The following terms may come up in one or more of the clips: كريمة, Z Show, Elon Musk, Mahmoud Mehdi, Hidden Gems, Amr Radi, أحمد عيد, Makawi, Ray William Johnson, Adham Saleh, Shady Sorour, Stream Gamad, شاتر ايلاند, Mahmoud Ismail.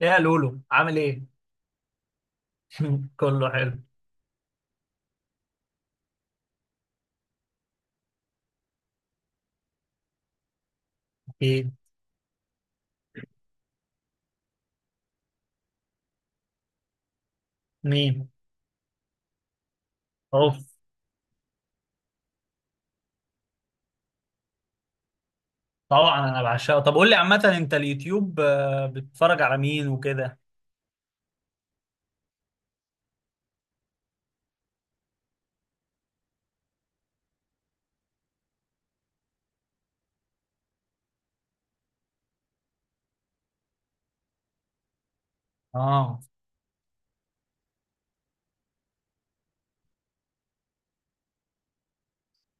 يا لولو عامل ايه؟ كله حلو. ايه مين؟ اوف. طبعا انا بعشقه. طب قول لي عامة، انت اليوتيوب بتتفرج على مين وكده؟ اه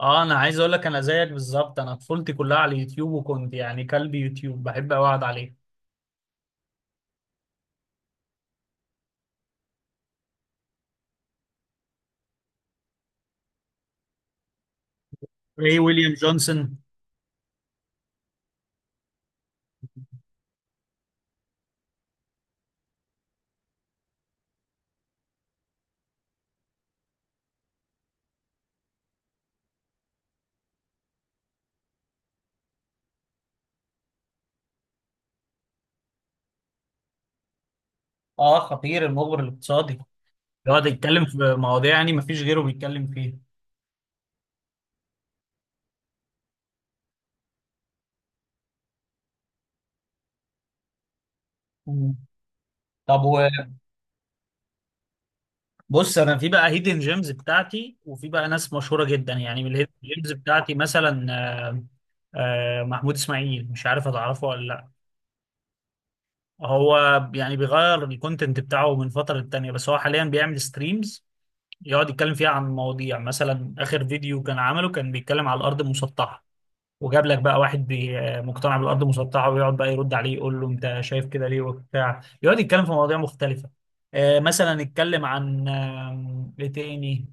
اه، انا عايز اقول لك انا زيك بالظبط، انا طفولتي كلها على اليوتيوب، وكنت يعني كلب يوتيوب بحب أوي اقعد عليه. ري ويليام جونسون. اه، خطير المخبر الاقتصادي. بيقعد يتكلم في مواضيع يعني مفيش غيره بيتكلم فيها. مم. طب و... بص، انا في بقى هيدن جيمز بتاعتي، وفي بقى ناس مشهوره جدا، يعني من الهيدن جيمز بتاعتي مثلا آه، محمود اسماعيل، مش عارف هتعرفه ولا لا. هو يعني بيغير الكونتنت بتاعه من فتره للتانيه، بس هو حاليا بيعمل ستريمز يقعد يتكلم فيها عن مواضيع، مثلا اخر فيديو كان عمله كان بيتكلم على الارض المسطحه، وجاب لك بقى واحد مقتنع بالارض المسطحه، ويقعد بقى يرد عليه يقول له انت شايف كده ليه وبتاع. يقعد يتكلم في مواضيع مختلفه، مثلا اتكلم عن ايه تاني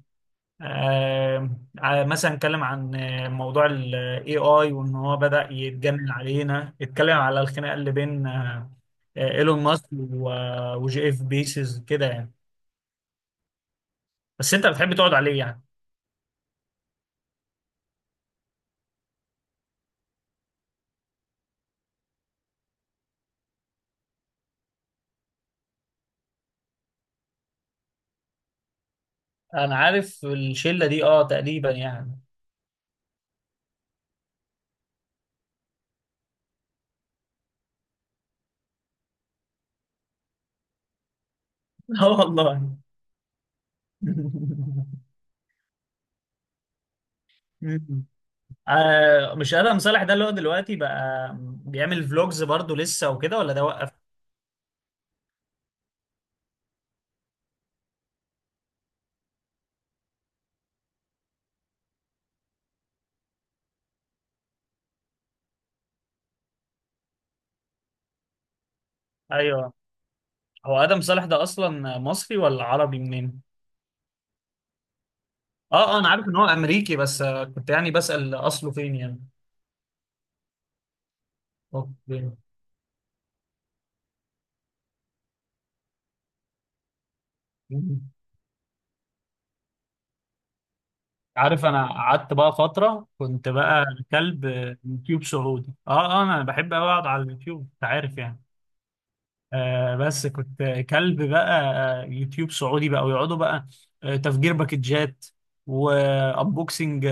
آه، مثلا اتكلم عن موضوع ال AI. وان هو بدأ يتجنن علينا، اتكلم على الخناقة اللي بين ايلون ماسك وجي اف بيسز كده يعني. بس انت بتحب تقعد عليه يعني. انا عارف الشلة دي اه، تقريبا يعني. اه والله. مش ادهم صالح ده اللي هو دلوقتي بقى بيعمل فلوجز برضه لسه وكده، ولا ده وقف؟ ايوه، هو ادهم صالح ده اصلا مصري ولا عربي منين؟ اه اه، انا عارف ان هو امريكي، بس كنت يعني بسأل اصله فين يعني. أوه، فين. مم. عارف انا قعدت بقى فترة كنت بقى كلب يوتيوب سعودي. اه اه، انا بحب أوي اقعد على اليوتيوب، انت عارف يعني. آه، بس كنت كلب بقى يوتيوب سعودي بقى، ويقعدوا بقى تفجير باكجات، وانبوكسنج.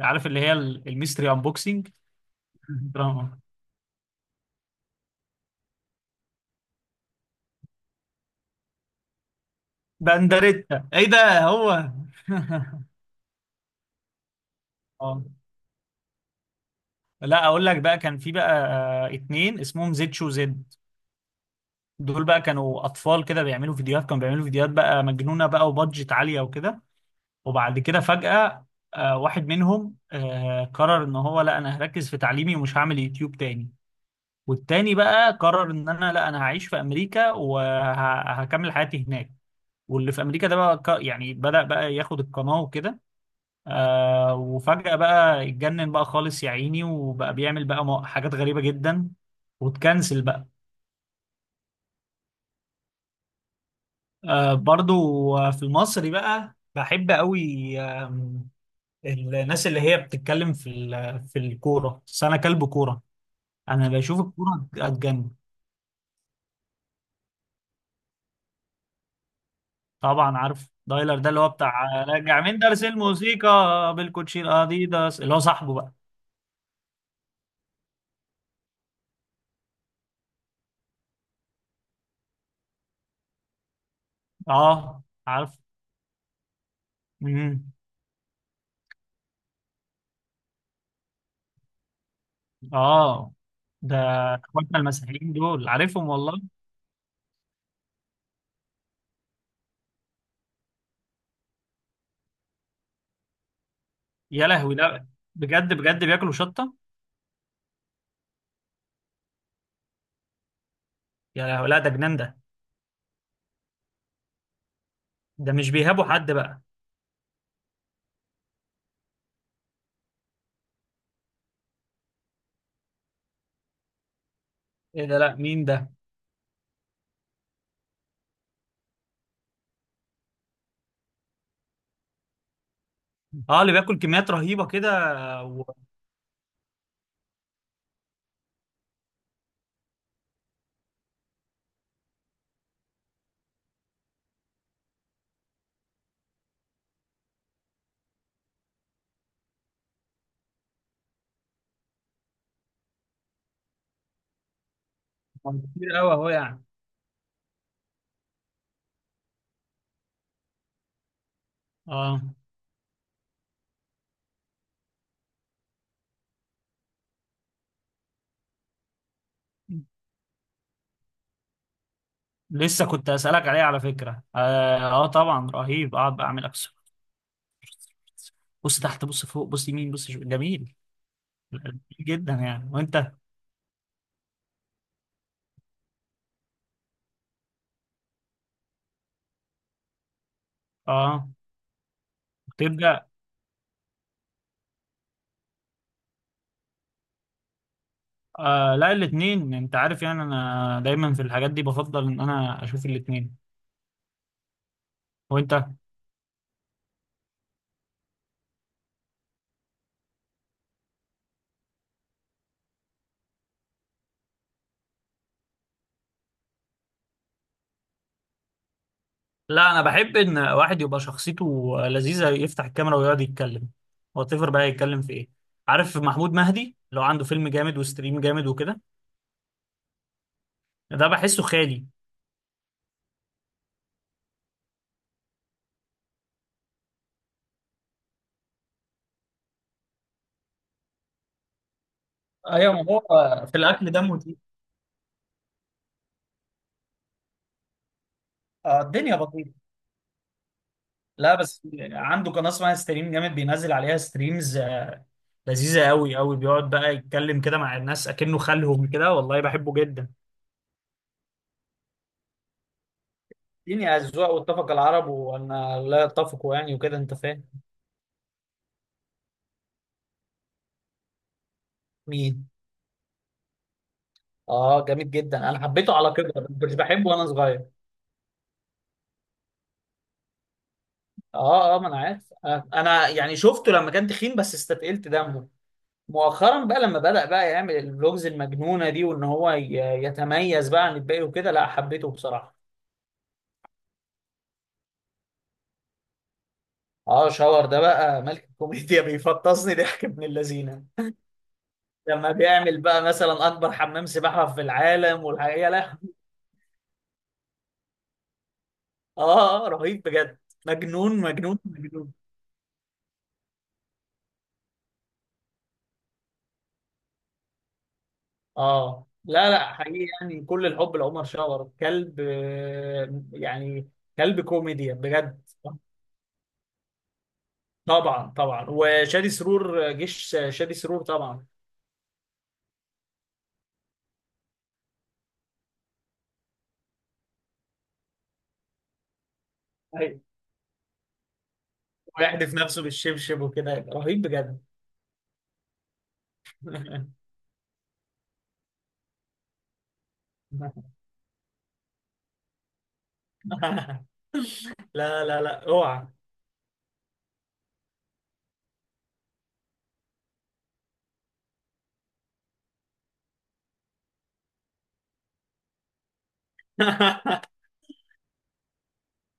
عارف اللي هي الميستري انبوكسنج. دراما. بندريتا ايه ده هو. اه، لا اقول لك بقى كان في بقى اتنين اسمهم زد شو زد. دول بقى كانوا اطفال كده بيعملوا فيديوهات بقى مجنونه، بقى وبادجت عاليه وكده. وبعد كده فجأة واحد منهم قرر ان هو لا انا هركز في تعليمي، ومش هعمل يوتيوب تاني. والتاني بقى قرر ان انا لا انا هعيش في امريكا، وهكمل حياتي هناك. واللي في امريكا ده بقى يعني بدأ بقى ياخد القناه وكده. آه، وفجأة بقى اتجنن بقى خالص يا عيني، وبقى بيعمل بقى حاجات غريبة جدا، وتكنسل بقى. آه برضو، في المصري بقى بحب قوي. آم، الناس اللي هي بتتكلم في في الكورة، بس أنا كلب كورة. أنا بشوف الكورة أتجنن. طبعا عارف دايلر، ده اللي هو بتاع راجع من درس الموسيقى بالكوتشي أديداس، اللي هو صاحبه بقى. اه، عارف. مم. اه. ده اخواتنا المسيحيين دول، عارفهم والله. يا لهوي، لا. بجد بجد بياكلوا شطة؟ يا لهوي لا، ده جنان ده. ده مش بيهابوا حد بقى. ايه ده، لا مين ده؟ اه، اللي بياكل كميات رهيبة كده و- وكتير قوي اهو يعني. اه، لسه كنت اسالك عليه على فكره، اه، طبعا رهيب. اقعد بقى اعمل اكسر، بص تحت بص فوق بص يمين بص شمال. جميل. جميل جدا يعني. وانت؟ اه. تبدا. آه، لا الاثنين. انت عارف يعني انا دايما في الحاجات دي بفضل ان انا اشوف الاثنين. وانت؟ لا، انا بحب ان واحد يبقى شخصيته لذيذه، يفتح الكاميرا ويقعد يتكلم. واتفر بقى يتكلم في ايه، عارف محمود مهدي لو عنده فيلم جامد وستريم جامد وكده، ده بحسه خالي. ايوه، ما هو في الاكل دمه تقيل. الدنيا بطيئه. لا بس عنده قناه اسمها ستريم جامد، بينزل عليها ستريمز لذيذه قوي قوي، بيقعد بقى يتكلم كده مع الناس اكنه خالهم كده، والله بحبه جدا. الدنيا اذواق، واتفق العرب وان لا يتفقوا يعني وكده، انت فاهم. مين؟ اه، جميل جدا. انا حبيته على كده، مش بحبه وانا صغير. اه اه، ما انا عارف. انا يعني شفته لما كان تخين، بس استثقلت دمه مؤخرا بقى لما بدأ بقى يعمل الفلوجز المجنونة دي، وان هو يتميز بقى عن الباقي وكده. لا حبيته بصراحة. اه، شاور ده بقى ملك الكوميديا. بيفطسني ضحك ابن اللذينة، لما بيعمل بقى مثلا اكبر حمام سباحة في العالم. والحقيقة لا. اه، رهيب بجد. مجنون مجنون مجنون. اه لا لا، حقيقي يعني، كل الحب لعمر شاور، كلب يعني كلب كوميديا بجد. طبعا طبعا، وشادي سرور، جيش شادي سرور طبعا. أيوة. ويحدف نفسه بالشبشب وكده، رهيب بجد. لا لا لا، اوعى.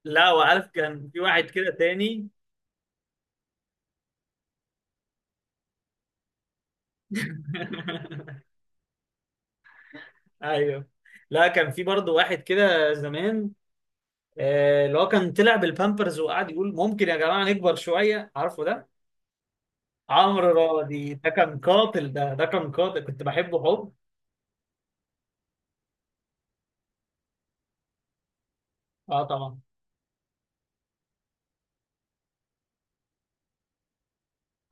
لا، وعارف كان في واحد كده تاني؟ ايوه. لا، كان في برضه واحد كده زمان، اللي هو كان طلع بالبامبرز، وقعد يقول ممكن يا جماعه نكبر شويه. عارفه ده؟ عمرو راضي، ده كان قاتل، ده ده كان قاتل. كنت بحبه حب. اه، طبعا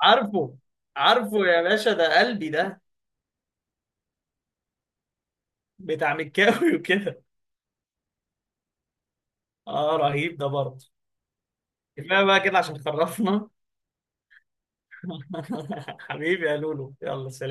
عارفه. عارفه يا باشا، ده قلبي ده. بتاع مكاوي وكده. اه، رهيب ده برضه. كفايه بقى كده عشان خرفنا. حبيبي يا لولو، يلا سلام.